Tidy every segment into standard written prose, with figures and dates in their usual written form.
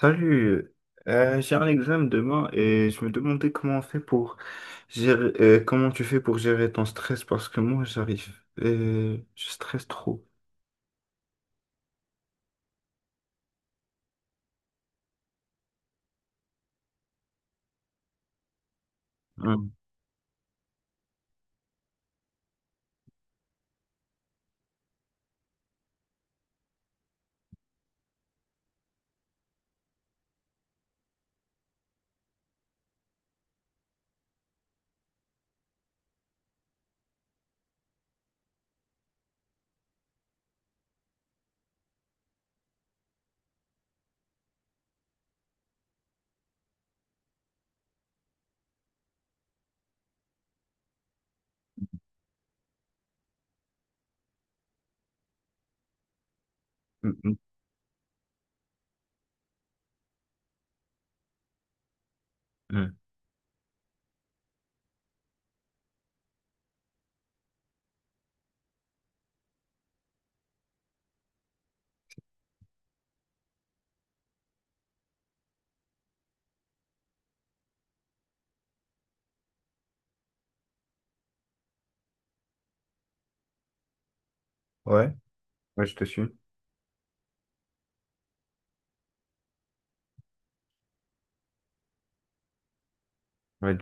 Salut. J'ai un examen demain et je me demandais comment tu fais pour gérer ton stress parce que moi je stresse trop. Hum, hum, hum, hum. Ouais, ouais, je te suis. Ouais,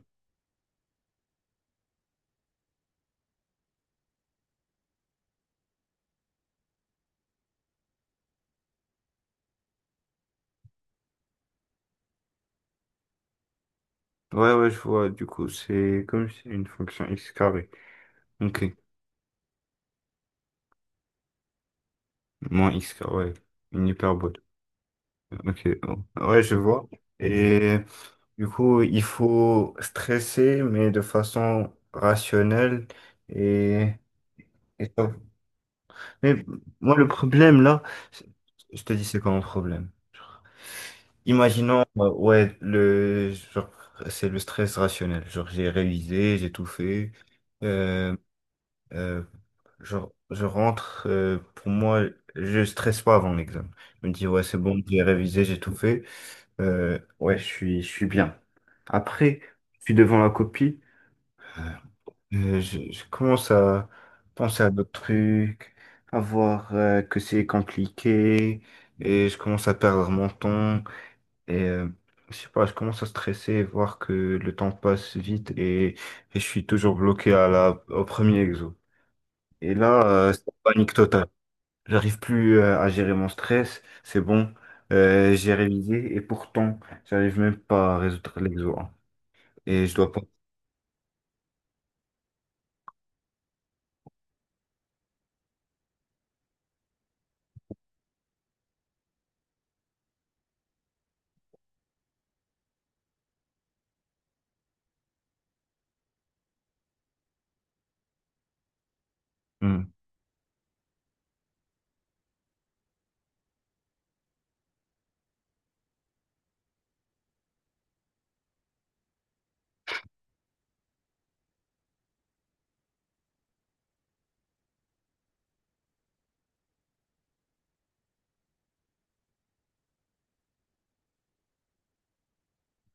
ouais, ouais, je vois. Du coup, c'est comme si une fonction x carré. Ok, moins x carré, une hyperbole. Ok, oh, ouais, je vois. Et du coup, il faut stresser mais de façon rationnelle, et et ça. Mais moi, le problème là, c'est- je te dis, c'est quoi mon problème? Genre, imaginons, ouais, genre, c'est le stress rationnel. Genre, j'ai révisé, j'ai tout fait. Euh, euh, genre, je rentre, pour moi, je stresse pas avant l'examen. Je me dis, ouais, c'est bon, j'ai révisé, j'ai tout fait. Ouais, je suis bien. Après, je suis devant la copie. Je commence à penser à d'autres trucs, à voir que c'est compliqué, et je commence à perdre mon temps, et je sais pas, je commence à stresser, voir que le temps passe vite, et je suis toujours bloqué à au premier exo. Et là, c'est la panique totale. J'arrive plus à gérer mon stress. C'est bon, j'ai révisé, et pourtant, j'arrive même pas à résoudre l'exo, hein. Et je dois pas... Hmm.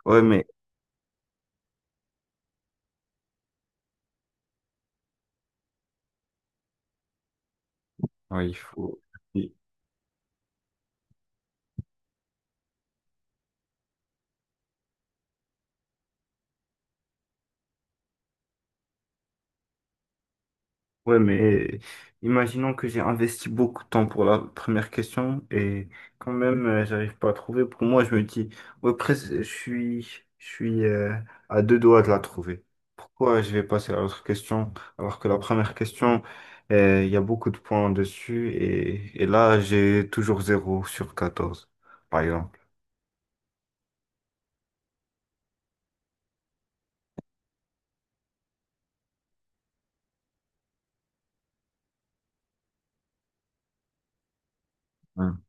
Ouais, mais... Oui, il faut... Ouais, mais imaginons que j'ai investi beaucoup de temps pour la première question et quand même, j'arrive pas à trouver. Pour moi, je me dis, ouais, presque, je suis à deux doigts de la trouver. Pourquoi je vais passer à l'autre question alors que la première question, il y a beaucoup de points dessus et là, j'ai toujours 0 sur 14 par exemple. Hmm.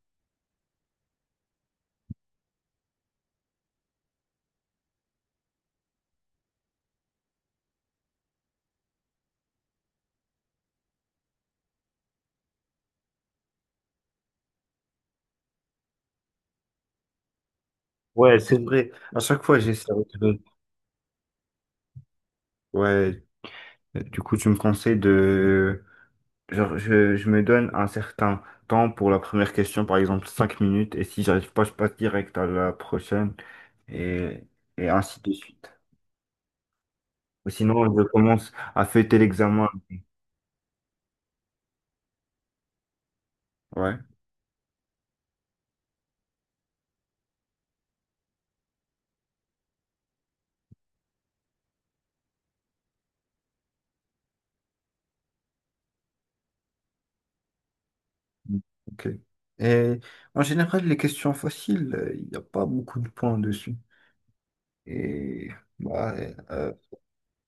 Ouais, c'est vrai. À chaque fois, j'essaie de... Ouais, du coup, tu me conseilles de... Genre, je me donne un certain temps pour la première question, par exemple 5 minutes, et si j'arrive pas, je passe direct à la prochaine, et, et ainsi de suite. Ou sinon, je commence à fêter l'examen. Ouais. Ok. Et en général, les questions faciles, il n'y a pas beaucoup de points dessus. Et bah, euh,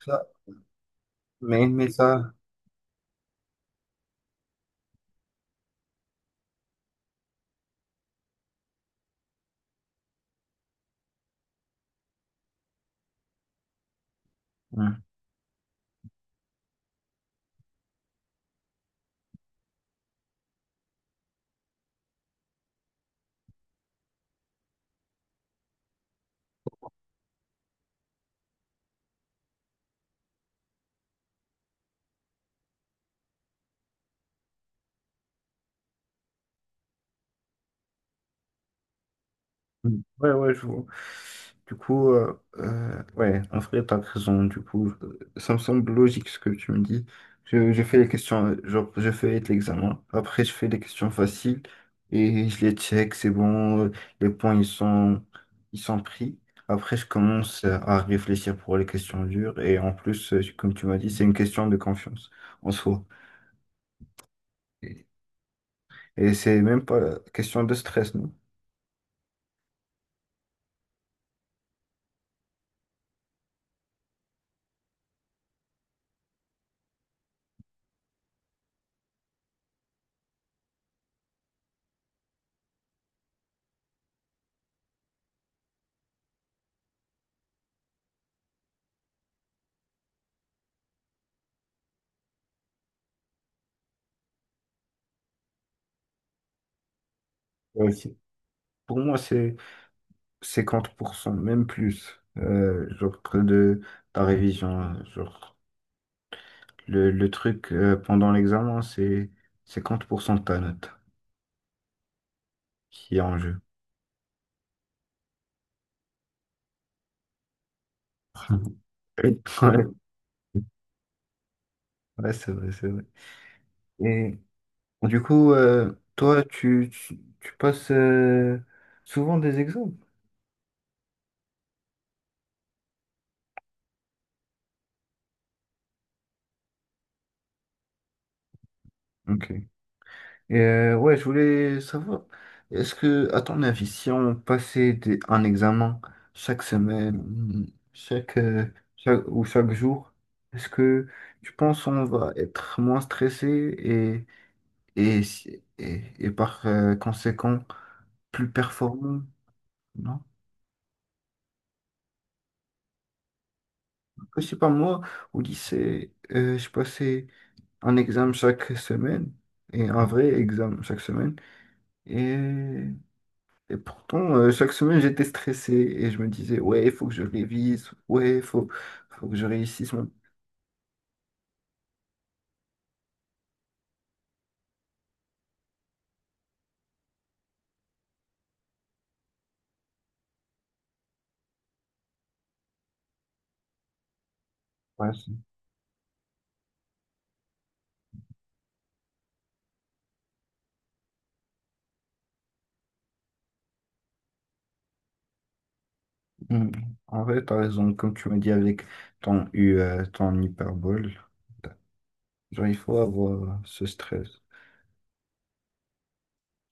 ça, mais ça. Mm. Ouais, ouais, je vois. Du coup, ouais, en vrai, t'as raison. Du coup, ça me semble logique ce que tu me dis. Je fais les questions, genre, je fais l'examen. Après, je fais les questions faciles et je les check, c'est bon. Les points, ils sont pris. Après, je commence à réfléchir pour les questions dures. Et en plus, comme tu m'as dit, c'est une question de confiance en soi. Et et c'est même pas question de stress, non? Ouais, pour moi, c'est 50% même plus, genre que de ta révision, hein. Genre, le truc pendant l'examen, c'est 50% de ta note qui est en jeu. Ouais. Ouais, c'est vrai, c'est vrai. Et du coup, toi, tu passes souvent des examens. Ok. Et, ouais, je voulais savoir, est-ce que, à ton avis, si on passait un examen chaque semaine, chaque, euh, ou chaque jour, est-ce que tu penses qu'on va être moins stressé et par conséquent plus performant? Non? Je sais pas, moi, au lycée, je passais un examen chaque semaine et un vrai examen chaque semaine. Et Et pourtant, chaque semaine, j'étais stressé et je me disais, ouais, il faut que je révise, ouais, il faut que je réussisse. Ouais, mm. En vrai, t'as raison, comme tu m'as dit avec ton U, ton hyperbole, genre, il faut avoir ce stress.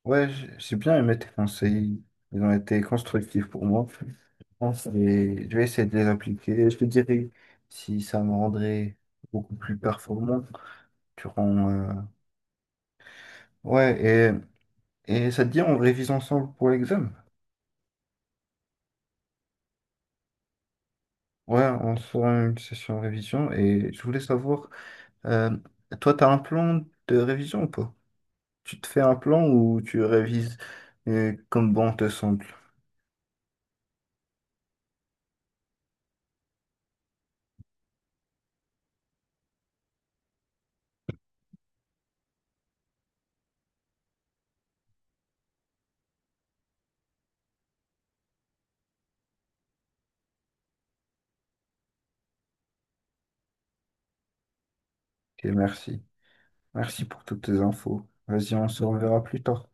Ouais, j'ai bien aimé tes conseils, ils ont été constructifs pour moi. Je pense que je vais essayer de les appliquer. Je te dirai si ça me rendrait beaucoup plus performant durant. Ouais, et ça te dit, on révise ensemble pour l'examen? Ouais, on se fera une session révision et je voulais savoir, euh, toi, tu as un plan de révision ou pas? Tu te fais un plan ou tu révises comme bon te semble? Ok, merci. Merci pour toutes tes infos. Vas-y, on se reverra plus tard.